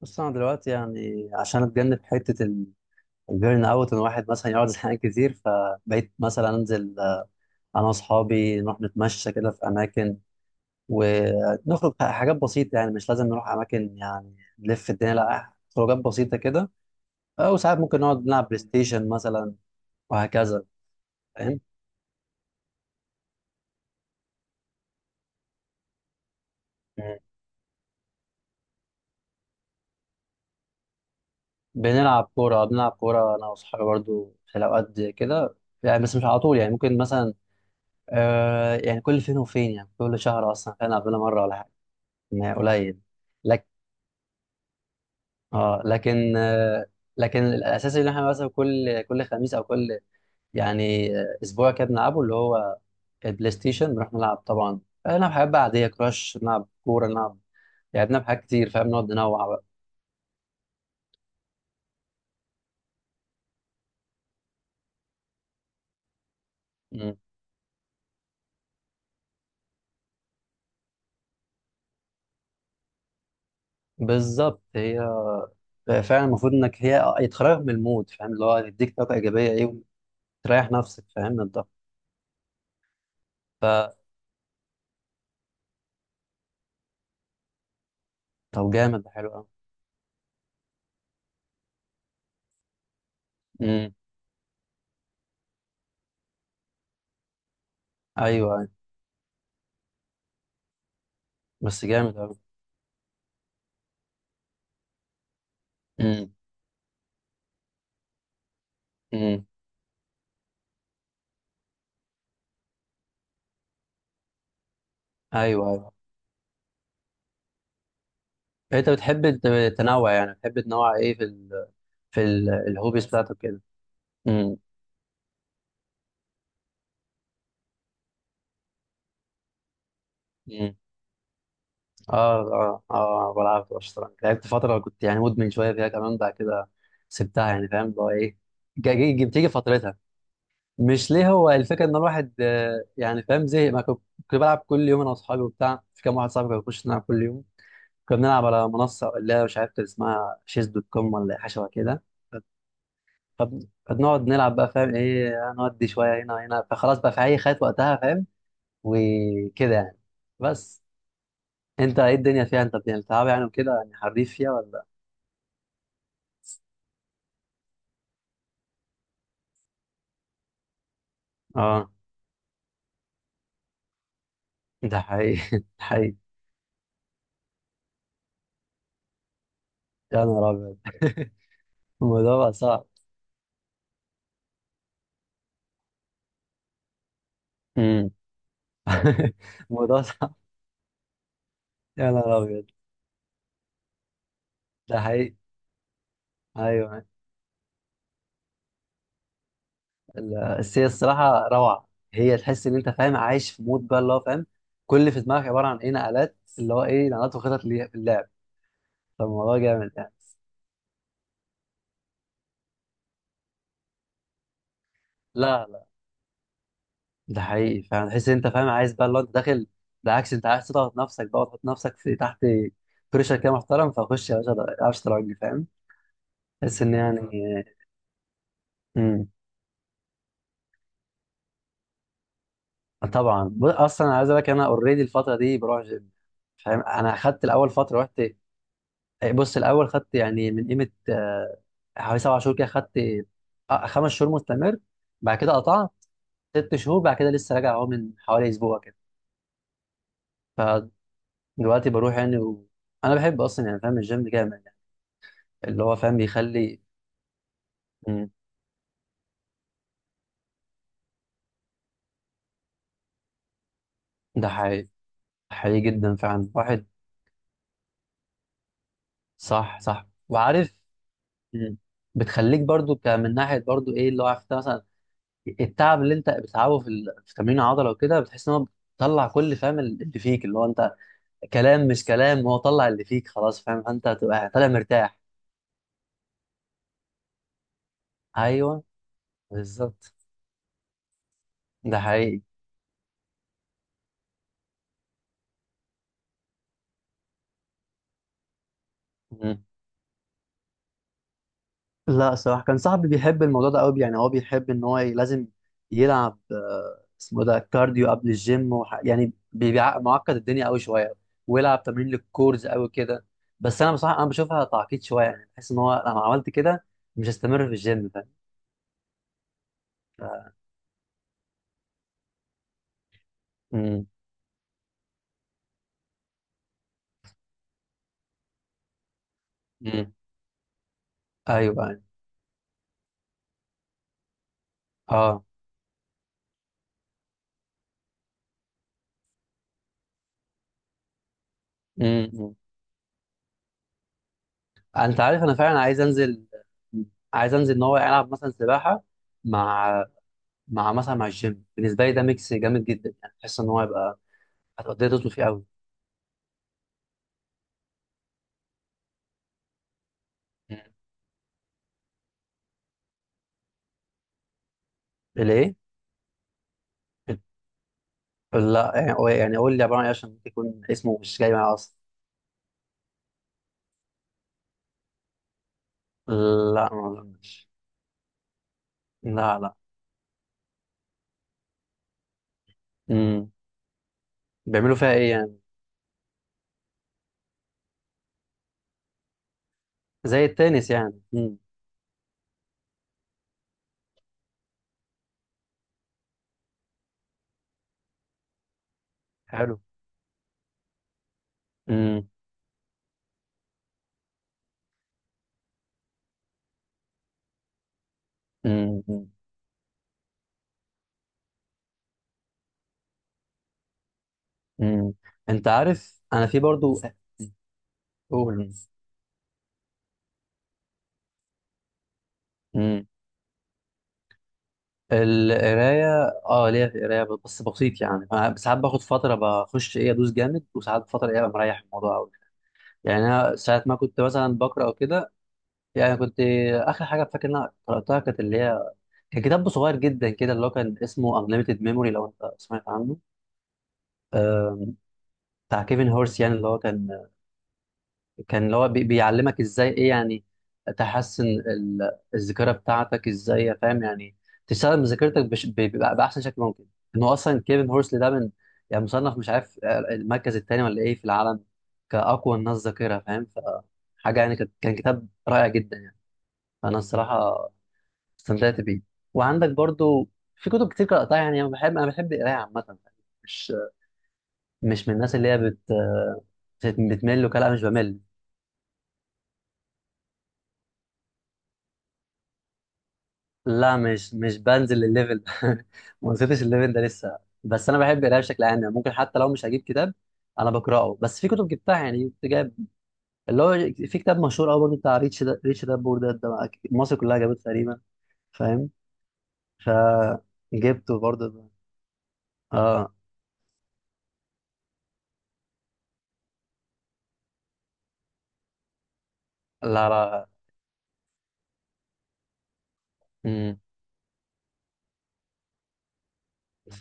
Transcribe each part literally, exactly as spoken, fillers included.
بص، انا دلوقتي يعني عشان اتجنب حته ال- البيرن اوت، ان واحد مثلا يقعد زهقان كتير، فبقيت مثلا انزل آه، انا واصحابي نروح نتمشى كده في اماكن، ونخرج ح- حاجات بسيطه. يعني مش لازم نروح اماكن يعني نلف الدنيا، لا خروجات بسيطه كده. او ساعات ممكن نقعد نلعب بلاي ستيشن مثلا وهكذا. فاهم. مم. بنلعب كوره، بنلعب كوره انا واصحابي برضو في الاوقات دي كده يعني. بس مش على طول يعني، ممكن مثلا آه يعني كل فين وفين، يعني كل شهر اصلا فعلا قبلنا مره ولا حاجه. ما قليل لك. اه، لكن آه لكن الاساس اللي احنا مثلا كل كل خميس، او كل يعني آه، اسبوع كده، بنلعبه اللي هو البلاي ستيشن. بنروح نلعب طبعا، نلعب حاجات بقى عاديه، كراش، نلعب كوره، نلعب لعبنا بحاجات كتير. فاهم. نقعد ننوع بقى. مم. بالظبط، هي فعلا المفروض انك هي يتخرج من المود. فاهم اللي هو تديك طاقه ايجابيه ايه، وتريح نفسك، فاهم، من الضغط. طب جامد ده، حلو قوي. امم. ايوه، أيوة. بس جامد قوي. امم، امم. ايوه، ايوه. انت بتحب تت- تنوع يعني، بتحب تنوع ايه في ال في ال الهوبيز بتاعتك كده؟ امم، امم. اه، اه، اه، بلعب في الشطرنج. لعبت فترة كنت يعني مدمن شوية فيها كمان، بعد كده سبتها يعني. فاهم اللي هو ايه. جا- جي- جي- بتيجي فترتها. مش ليه، هو الفكرة ان الواحد آه، يعني فاهم زهق. ما كنت كنت بلعب كل يوم انا واصحابي وبتاع. في كام واحد صاحبي كان بيخش نلعب كل يوم. كنا بنلعب على منصة اللي هي مش عارف كان اسمها شيز دوت كوم ولا حاجة شبه كده. فب- فبنقعد نلعب بقى. فاهم ايه. نودي شويه هنا هنا. فخلاص بقى في اي خيط وقتها. فاهم وكده يعني. بس انت ايه الدنيا فيها؟ انت بتلعب يعني وكده يعني حريف فيها ولا؟ اه. ده حقيقي. ده حقيقي. يا نهار ابيض. الموضوع بقى صعب. امم. الموضوع صعب. يا نهار ابيض. ده حقيقي. ايوه. ال- بس هي الصراحه روعه. هي تحس ان انت فاهم عايش في مود بقى، اللي هو فاهم كل اللي في دماغك عباره عن ايه، نقلات، اللي هو ايه، نقلات وخطط ليه في اللعب. فالموضوع جامد يعني. لا، ده حقيقي. فاهم تحس إن انت فاهم عايز بقى، اللي هو انت داخل. بالعكس، انت عايز تضغط نفسك بقى وتحط نفسك في تحت بريشر كده محترم. فخش يا باشا، ده- العب شطرنج. فاهم تحس ان يعني. امم. طبعا، ب- اصلا عايز اقول لك انا اوريدي الفتره دي بروح جيم. فاهم انا خدت الاول فتره رحت. بص، الاول خدت يعني من قيمه آه، حوالي سبع شهور كده خدت. آه، خمس شهور مستمر، بعد كده قطعت ست شهور، بعد كده لسه راجع اهو من حوالي اسبوع كده. فدلوقتي بروح يعني و... انا بحب اصلا يعني. فاهم الجيم جامد، اللي هو فاهم بيخلي. مم. ده حقيقي. حقيقي جدا فعلا واحد. صح، صح وعارف. مم. بتخليك برضو ك- من ناحيه برضو ايه اللي هو عارف انت مثلا التعب اللي انت بتتعبه في ال- في تمرين العضله وكده، بتحس ان هو بتطلع كل، فاهم، ال- اللي فيك اللي هو انت. كلام مش كلام هو طلع اللي فيك خلاص. فاهم انت هتبقى طالع مرتاح. ايوه. بالظبط. ده حقيقي. لا، الصراحة كان صاحبي بيحب الموضوع ده قوي. يعني هو بيحب ان هو ي- لازم يلعب آه، اسمه ده كارديو قبل الجيم وح... يعني بيبع- معقد الدنيا قوي شوية، ويلعب تمرين للكورز قوي كده. بس انا بصراحة انا بشوفها تعقيد شوية. يعني بحس ان هو لما عملت كده مش هستمر في الجيم. فاهم. امم، امم. ايوه، أيوة. اه. امم، أمم. انت عارف انا فعلا عايز انزل، عايز انزل ان هو العب مثلا سباحة مع مع مثلا مع الجيم. بالنسبة لي ده ميكس جامد جدا. يعني بحس ان هو يبقى هتقضيها تظبط فيه قوي. الايه؟ لا يعني، قول يعني، قول لي عباره عن ايه؟ عشان ممكن يكون اسمه مش جاي معايا اصلا. لا، ما اظنش. لا، لا. امم. بيعملوا فيها ايه يعني؟ زي التنس يعني؟ امم. حلو. امم، امم، امم. انت عارف انا في برضو. قول. امم. القرايه. اه، ليا في القرايه بس بسيط. يعني انا ساعات باخد فتره بخش ايه ادوس جامد، وساعات فتره ايه ابقى مريح الموضوع قوي. يعني انا ساعات ما كنت مثلا بقرا او كده. يعني كنت، اخر حاجه فاكر ان انا قراتها كانت اللي هي كان كتاب صغير جدا كده اللي هو كان اسمه Unlimited Memory. لو انت سمعت عنه. آه، بتاع كيفن هورس. يعني اللي هو كان، كان اللي هو بي- بيعلمك ازاي ايه، يعني تحسن ال- الذاكره بتاعتك ازاي. فاهم يعني تستخدم ذاكرتك بش- ب- ب- باحسن شكل ممكن. انه اصلا كيفن هورس ده من يعني مصنف، مش عارف، المركز الثاني ولا ايه في العالم كاقوى الناس ذاكره. فاهم فحاجه يعني كانت- كان كتاب رائع جدا يعني. فانا الصراحه استمتعت بيه. وعندك برضو في كتب كتير قرأتها. يعني أنا بحب، أنا بحب القراية عامة. مش مش من الناس اللي هي بت بت- بتمل وكده. لا، مش بمل. لا، مش مش بنزل الليفل ده. ما وصلتش الليفل ده لسه. بس أنا بحب القراية بشكل عام. يعني ممكن حتى لو مش هجيب كتاب أنا بقرأه. بس في كتب جبتها يعني، كنت جايب اللي هو في كتاب مشهور أوي برضه بتاع ريتش دا ريتش دابور. ده ده بقى مصر كلها جابته تقريبا. فاهم. فجبته برضه. اه. لا، لا. مم.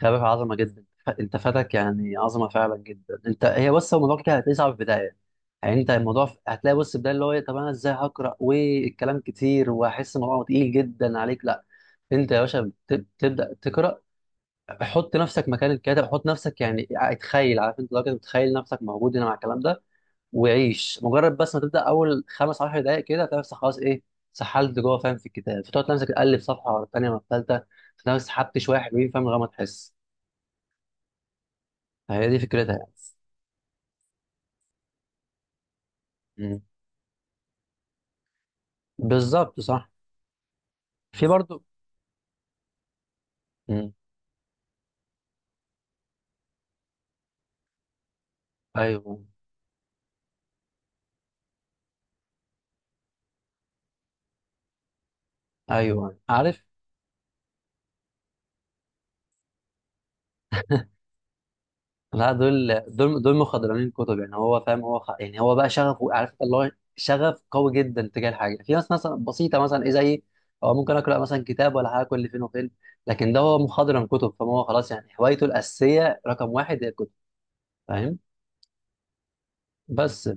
خابر عظمه جدا. ف- انت فاتك يعني عظمه فعلا جدا. انت هي، بص، هو الموضوع كده هتلاقيه صعب في البدايه. يعني انت الموضوع ف- هتلاقي بص البدايه اللي هو إيه، طب انا ازاي هقرا والكلام كتير وهحس الموضوع تقيل جدا عليك. لا، انت يا باشا بت- تبدا تقرا. حط نفسك مكان الكاتب، حط نفسك يعني اتخيل، عارف، انت لو كده تتخيل نفسك موجود هنا مع الكلام ده، وعيش. مجرد بس ما تبدا اول خمس عشر دقائق كده، هتلاقي نفسك خلاص ايه سحلت جوه. فاهم في الكتاب فتقعد نفسك تقلب صفحه ورا الثانيه ورا الثالثه، تلاقي نفسك سحبت شويه حلوين. فاهم لغايه ما تحس. هي دي فكرتها يعني. مم. بالظبط، صح. في برضو. مم. ايوه، ايوه، عارف. لا، دول دول دول مخضرمين كتب. يعني هو فاهم هو خ... يعني هو بقى شغفه، عارف اللي هو شغف قوي جدا تجاه الحاجه. في ناس مثلا بسيطه مثلا ايه زي، هو ممكن اقرا مثلا كتاب ولا حاجه كل فين وفين. لكن ده هو مخضرم كتب. فما هو خلاص، يعني هوايته الاساسيه رقم واحد هي الكتب. فاهم بس